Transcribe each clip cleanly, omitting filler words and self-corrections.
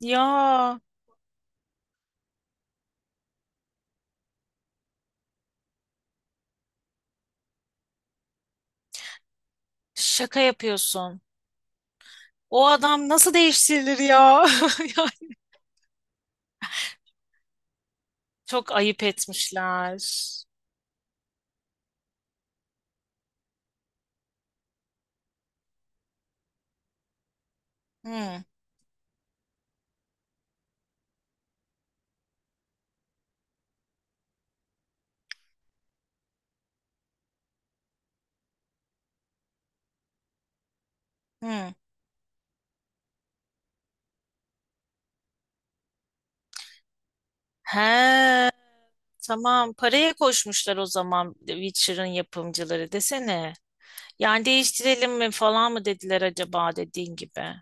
Ya şaka yapıyorsun. O adam nasıl değiştirilir ya? Yani çok ayıp etmişler. Hı hı. He, tamam. Paraya koşmuşlar o zaman Witcher'ın yapımcıları desene. Yani değiştirelim mi falan mı dediler acaba dediğin gibi.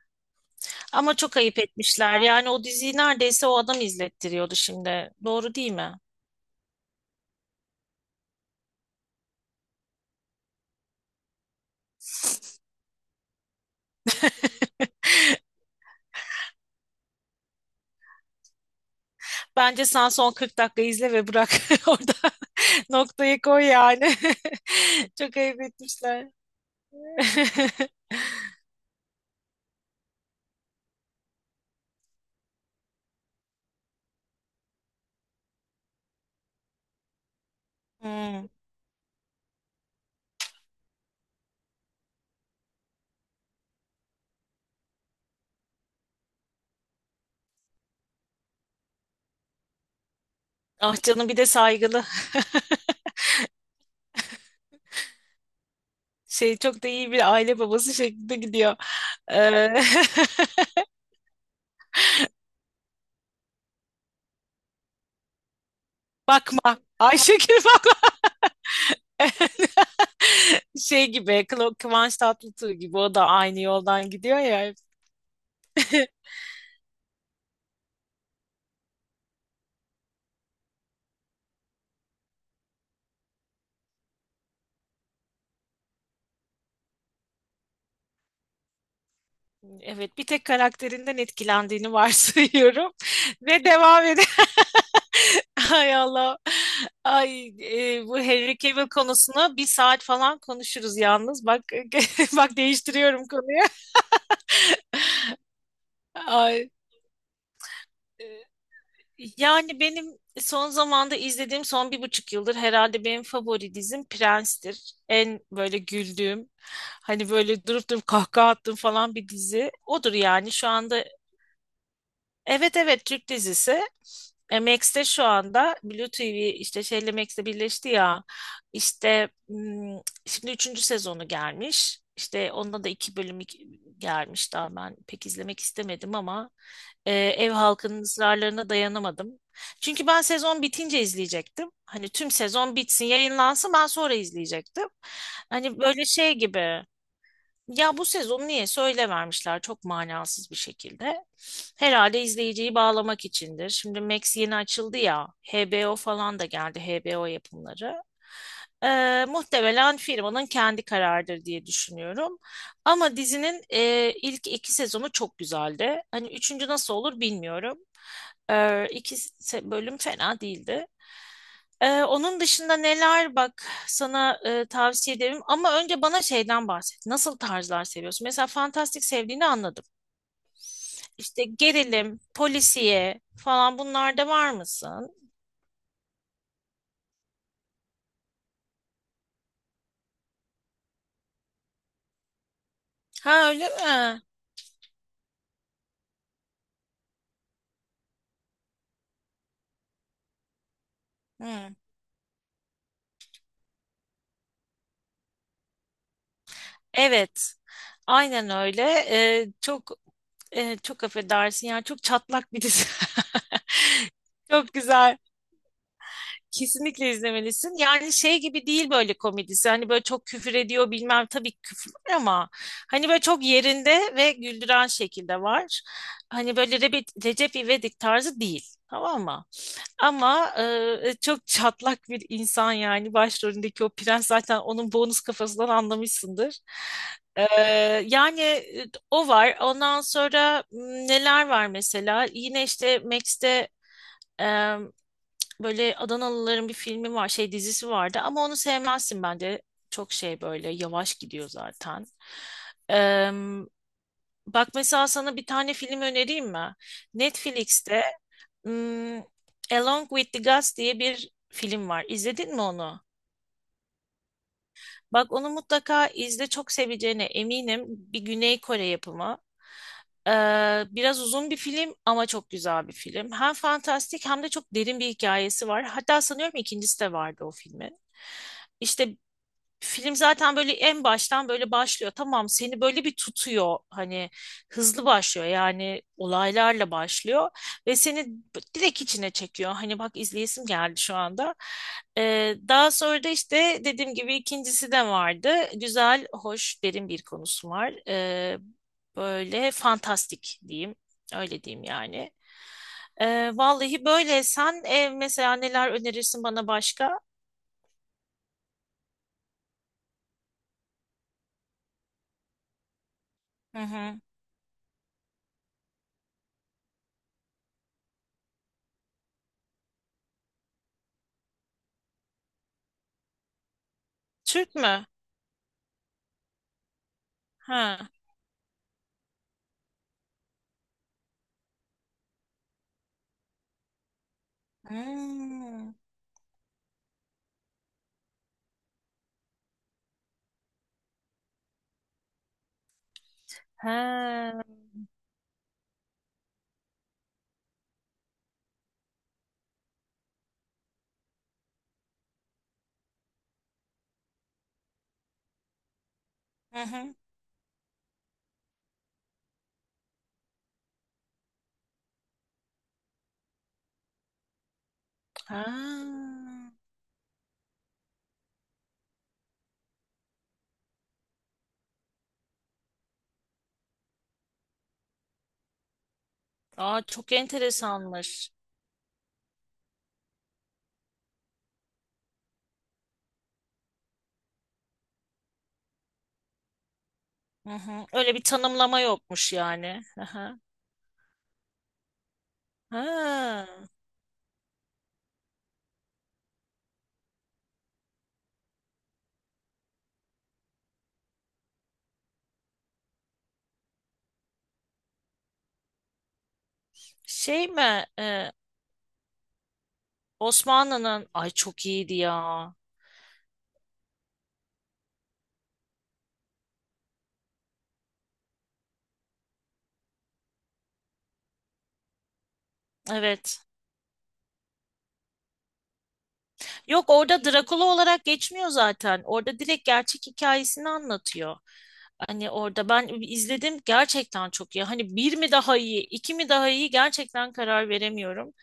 Ama çok ayıp etmişler. Yani o diziyi neredeyse o adam izlettiriyordu şimdi. Doğru değil mi? Bence sen son 40 dakika izle ve bırak orada. Noktayı koy yani. Çok ayıp etmişler. Hmm. Ah canım bir de saygılı. Şey çok da iyi bir aile babası şeklinde gidiyor. Ee, bakma. Ayşegül bakma. Şey gibi Kıvanç Tatlıtuğ gibi o da aynı yoldan gidiyor ya. Hep. Evet, bir tek karakterinden etkilendiğini varsayıyorum ve devam ede. Ay Allah. Ay bu Henry Cavill konusunu bir saat falan konuşuruz yalnız. Bak bak değiştiriyorum konuyu. Ay. Yani benim son zamanda izlediğim son bir buçuk yıldır herhalde benim favori dizim Prens'tir. En böyle güldüğüm, hani böyle durup durup kahkaha attığım falan bir dizi. Odur yani şu anda. Evet evet, Türk dizisi. E, Max'te şu anda Blue TV, işte şeyle Max'le birleşti ya. İşte hmm, şimdi üçüncü sezonu gelmiş. İşte onda da iki bölüm gelmiş, daha ben pek izlemek istemedim ama ev halkının ısrarlarına dayanamadım. Çünkü ben sezon bitince izleyecektim. Hani tüm sezon bitsin, yayınlansın, ben sonra izleyecektim. Hani böyle şey gibi. Ya bu sezon niye söyle vermişler, çok manasız bir şekilde. Herhalde izleyiciyi bağlamak içindir. Şimdi Max yeni açıldı ya. HBO falan da geldi, HBO yapımları. Muhtemelen firmanın kendi kararıdır diye düşünüyorum. Ama dizinin ilk iki sezonu çok güzeldi. Hani üçüncü nasıl olur bilmiyorum. İki bölüm fena değildi. Onun dışında neler, bak sana tavsiye ederim ama önce bana şeyden bahset. Nasıl tarzlar seviyorsun? Mesela fantastik sevdiğini anladım. İşte gerilim, polisiye falan, bunlarda var mısın? Ha öyle mi? Hı. Evet. Aynen öyle. Ee, çok çok affedersin, yani çok çatlak bir dizi. Çok güzel. Kesinlikle izlemelisin. Yani şey gibi değil böyle komedisi. Hani böyle çok küfür ediyor bilmem, tabii küfür var ama hani böyle çok yerinde ve güldüren şekilde var. Hani böyle Recep İvedik tarzı değil. Tamam mı? Ama çok çatlak bir insan yani başrolündeki o prens, zaten onun bonus kafasından anlamışsındır. E, yani o var. Ondan sonra neler var mesela? Yine işte Max'te böyle Adanalıların bir filmi var, şey dizisi vardı ama onu sevmezsin bence. Çok şey, böyle yavaş gidiyor zaten. Eee, Bak mesela sana bir tane film önereyim mi? Netflix'te hmm, Along with the Gods diye bir film var. İzledin mi onu? Bak onu mutlaka izle, çok seveceğine eminim. Bir Güney Kore yapımı. Ee, Biraz uzun bir film ama çok güzel bir film. Hem fantastik hem de çok derin bir hikayesi var. Hatta sanıyorum ikincisi de vardı o filmin. İşte film zaten böyle en baştan böyle başlıyor. Tamam, seni böyle bir tutuyor. Hani hızlı başlıyor, yani olaylarla başlıyor ve seni direkt içine çekiyor. Hani bak, izleyesim geldi şu anda. Daha sonra da işte dediğim gibi ikincisi de vardı. Güzel, hoş, derin bir konusu var. Böyle fantastik diyeyim. Öyle diyeyim yani. Vallahi böyle sen mesela neler önerirsin bana başka? Hı hı. Türk mü? Ha. Hmm. Ha. Hı hı. Ha. Aa, çok enteresanmış. Hı hı. Öyle bir tanımlama yokmuş yani. Hı hı. Ha. Şey mi? Osmanlı'nın, ay çok iyiydi ya. Evet. Yok, orada Drakula olarak geçmiyor zaten. Orada direkt gerçek hikayesini anlatıyor. Hani orada ben izledim, gerçekten çok iyi. Hani bir mi daha iyi, iki mi daha iyi, gerçekten karar veremiyorum.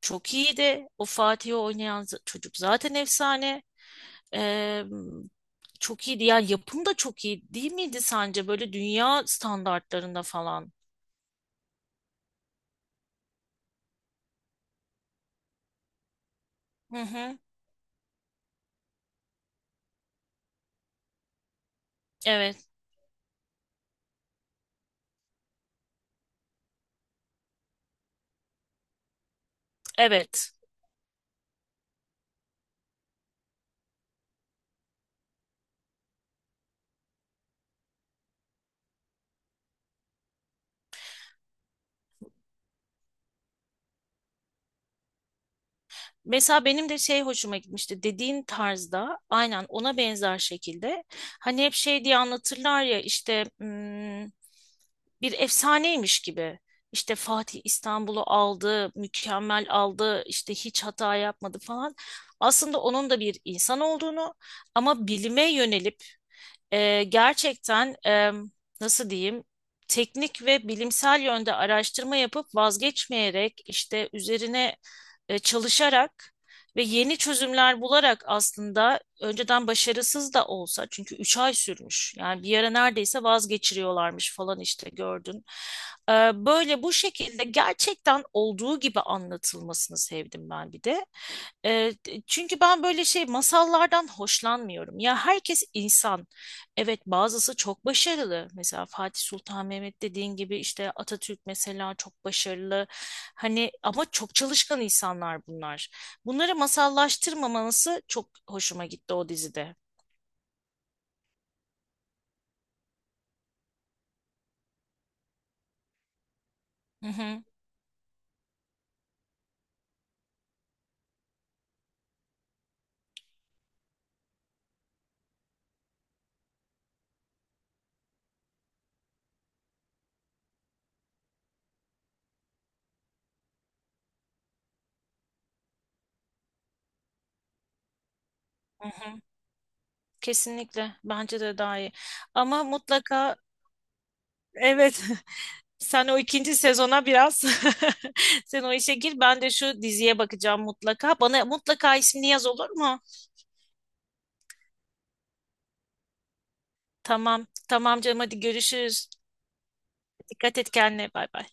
Çok iyiydi. O Fatih'i oynayan çocuk zaten efsane. Ee, Çok iyiydi. Yani yapım da çok iyi değil miydi sence? Böyle dünya standartlarında falan. Hı hı. Evet, evet. Mesela benim de şey hoşuma gitmişti, dediğin tarzda aynen ona benzer şekilde hani hep şey diye anlatırlar ya, işte hmm, bir efsaneymiş gibi işte Fatih İstanbul'u aldı, mükemmel aldı, işte hiç hata yapmadı falan. Aslında onun da bir insan olduğunu, ama bilime yönelip gerçekten nasıl diyeyim, teknik ve bilimsel yönde araştırma yapıp vazgeçmeyerek, işte üzerine çalışarak ve yeni çözümler bularak, aslında önceden başarısız da olsa, çünkü 3 ay sürmüş yani, bir ara neredeyse vazgeçiriyorlarmış falan, işte gördün. E, Böyle bu şekilde gerçekten olduğu gibi anlatılmasını sevdim ben bir de. E, Çünkü ben böyle şey masallardan hoşlanmıyorum. Ya herkes insan. Evet, bazısı çok başarılı. Mesela Fatih Sultan Mehmet, dediğin gibi işte Atatürk mesela çok başarılı. Hani ama çok çalışkan insanlar bunlar. Bunları masallaştırmaması çok hoşuma gitti o dizide. Hı hı. Hı hı. Kesinlikle, bence de daha iyi. Ama mutlaka evet. Sen o ikinci sezona biraz sen o işe gir. Ben de şu diziye bakacağım mutlaka. Bana mutlaka ismini yaz, olur mu? Tamam. Tamam canım, hadi görüşürüz. Dikkat et kendine. Bay bay.